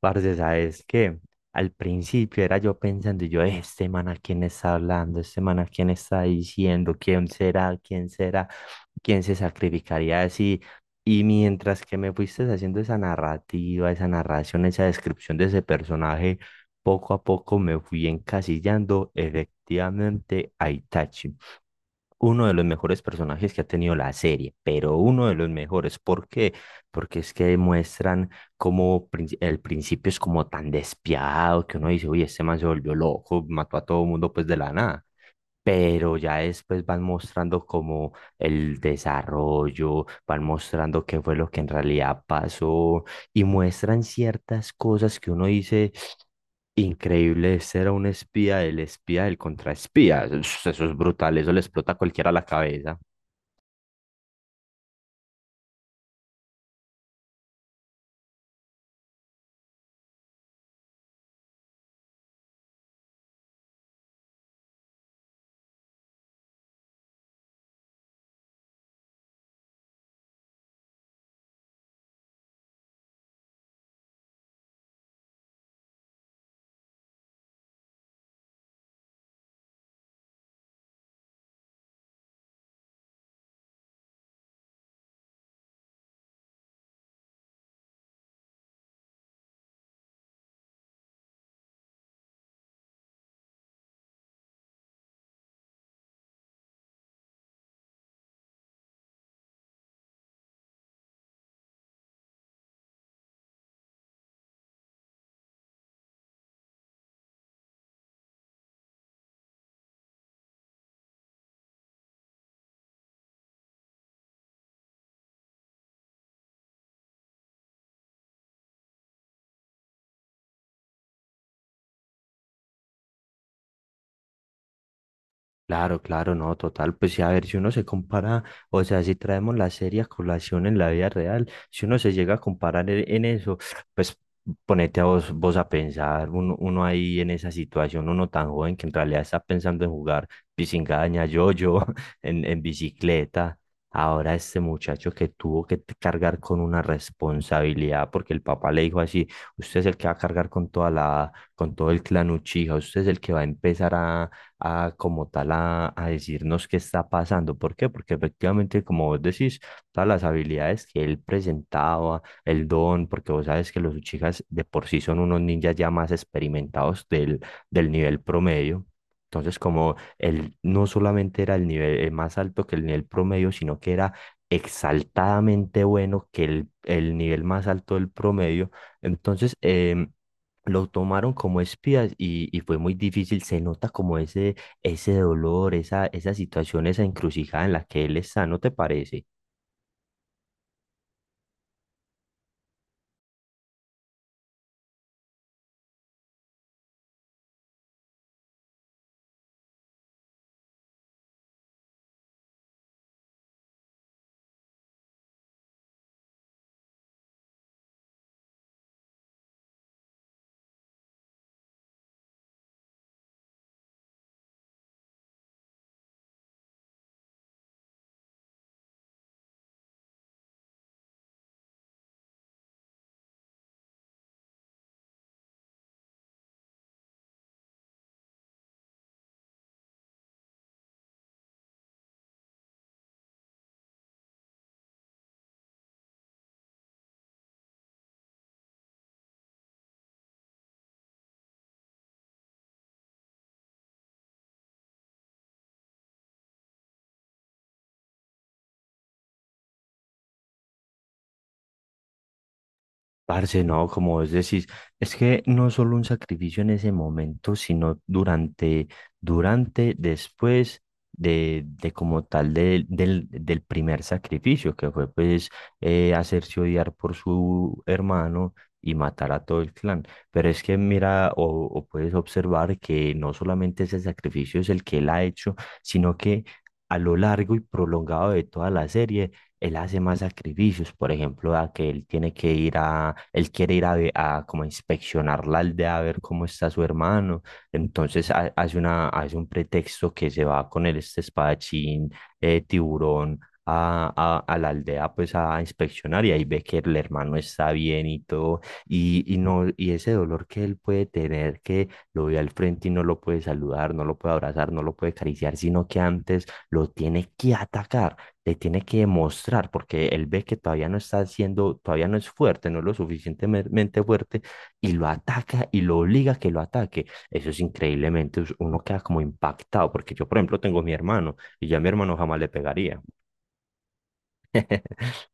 Parce, ¿sabes que? Al principio era yo pensando, y yo, este man a quién está hablando, este man a quién está diciendo, quién será, quién será, quién se sacrificaría así". Y mientras que me fuiste haciendo esa narrativa, esa narración, esa descripción de ese personaje, poco a poco me fui encasillando, efectivamente, a Itachi, uno de los mejores personajes que ha tenido la serie, pero uno de los mejores. ¿Por qué? Porque es que muestran cómo el principio es como tan despiadado que uno dice, oye, este man se volvió loco, mató a todo mundo pues de la nada, pero ya después van mostrando como el desarrollo, van mostrando qué fue lo que en realidad pasó y muestran ciertas cosas que uno dice, increíble, ese era un espía, el espía del contraespía, eso es brutal, eso le explota a cualquiera la cabeza. Claro, claro, no, total. Pues sí, a ver, si uno se compara, o sea, si traemos la serie a colación en la vida real, si uno se llega a comparar en eso, pues ponete a vos, vos a pensar, uno, uno ahí en esa situación, uno tan joven que en realidad está pensando en jugar pisingaña, yo-yo, en bicicleta. Ahora este muchacho que tuvo que cargar con una responsabilidad, porque el papá le dijo así, usted es el que va a cargar con toda la, con todo el clan Uchiha, usted es el que va a empezar a como tal a decirnos qué está pasando. ¿Por qué? Porque efectivamente, como vos decís, todas las habilidades que él presentaba, el don, porque vos sabes que los Uchijas de por sí son unos ninjas ya más experimentados del, del nivel promedio. Entonces, como él no solamente era el nivel más alto que el nivel promedio, sino que era exaltadamente bueno que el nivel más alto del promedio, entonces lo tomaron como espías y fue muy difícil, se nota como ese dolor, esa situación, esa encrucijada en la que él está, ¿no te parece? Parce, no, como vos decís, es que no solo un sacrificio en ese momento, sino durante, durante, después de como tal del primer sacrificio, que fue pues hacerse odiar por su hermano y matar a todo el clan. Pero es que mira, o puedes observar que no solamente ese sacrificio es el que él ha hecho, sino que a lo largo y prolongado de toda la serie, él hace más sacrificios, por ejemplo, a que él tiene que ir a, él quiere ir a, a como a inspeccionar la aldea a ver cómo está su hermano, entonces hace una, hace un pretexto que se va con el este espadachín, tiburón, a, a la aldea pues a inspeccionar y ahí ve que el hermano está bien y todo, y no, y ese dolor que él puede tener, que lo ve al frente y no lo puede saludar, no lo puede abrazar, no lo puede acariciar, sino que antes lo tiene que atacar, le tiene que demostrar, porque él ve que todavía no está haciendo, todavía no es fuerte, no es lo suficientemente fuerte, y lo ataca y lo obliga a que lo ataque. Eso es increíblemente, uno queda como impactado, porque yo, por ejemplo, tengo a mi hermano, y ya a mi hermano jamás le pegaría.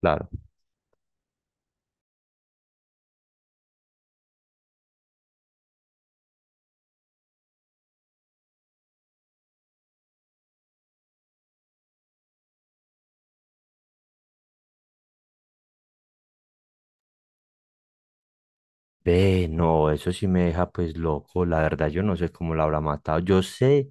Claro. Ve, no, eso sí me deja pues loco, la verdad, yo no sé cómo lo habrá matado. Yo sé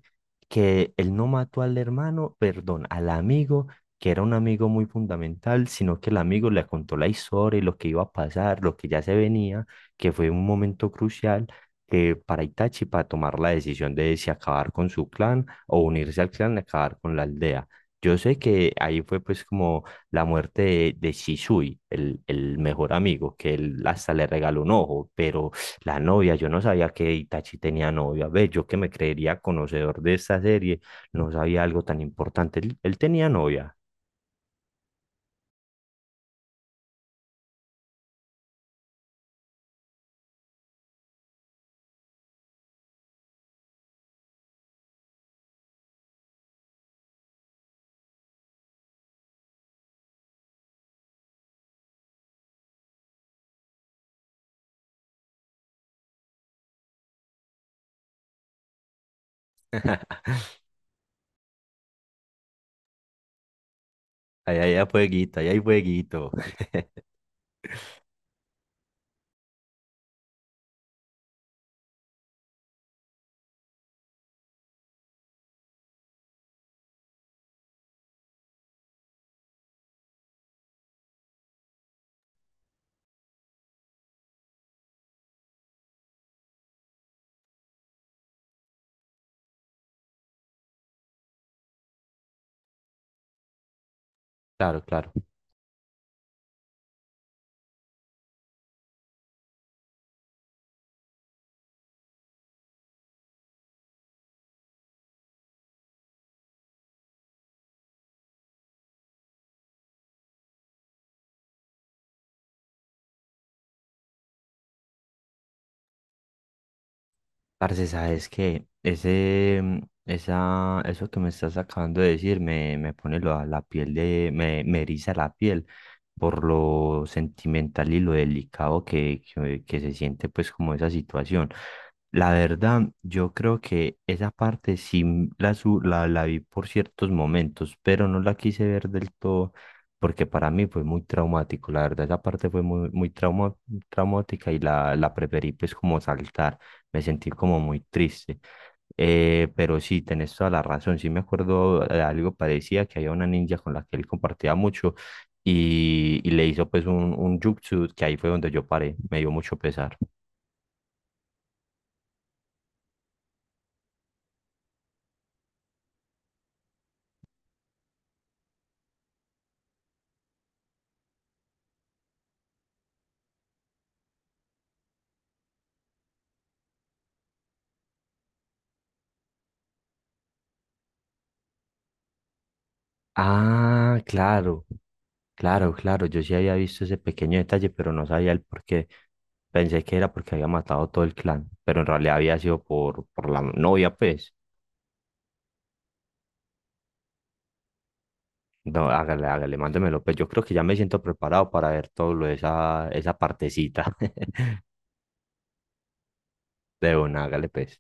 que él no mató al hermano, perdón, al amigo, que era un amigo muy fundamental, sino que el amigo le contó la historia y lo que iba a pasar, lo que ya se venía, que fue un momento crucial que para Itachi para tomar la decisión de si acabar con su clan o unirse al clan y acabar con la aldea. Yo sé que ahí fue pues como la muerte de Shisui, el mejor amigo, que él hasta le regaló un ojo, pero la novia, yo no sabía que Itachi tenía novia. Ve, yo que me creería conocedor de esta serie, no sabía algo tan importante. Él tenía novia. Ahí, ahí, ahí, fueguito, ahí, hay fueguito. Claro, claro. Parce, sabes que ese, esa, eso que me estás acabando de decir me, me pone la, la piel de, me eriza la piel por lo sentimental y lo delicado que se siente pues como esa situación. La verdad, yo creo que esa parte sí la, la, la vi por ciertos momentos, pero no la quise ver del todo porque para mí fue muy traumático, la verdad, esa parte fue muy, muy traumática y la preferí pues como saltar, me sentí como muy triste. Pero sí, tenés toda la razón. Sí, me acuerdo de algo, parecía que había una ninja con la que él compartía mucho y le hizo pues un jutsu que ahí fue donde yo paré. Me dio mucho pesar. Ah, claro, claro, claro. Yo sí había visto ese pequeño detalle, pero no sabía el por qué. Pensé que era porque había matado todo el clan, pero en realidad había sido por la novia, pues. No, hágale, hágale, mándemelo. Pues yo creo que ya me siento preparado para ver todo lo de esa, esa partecita. De una, hágale, pues.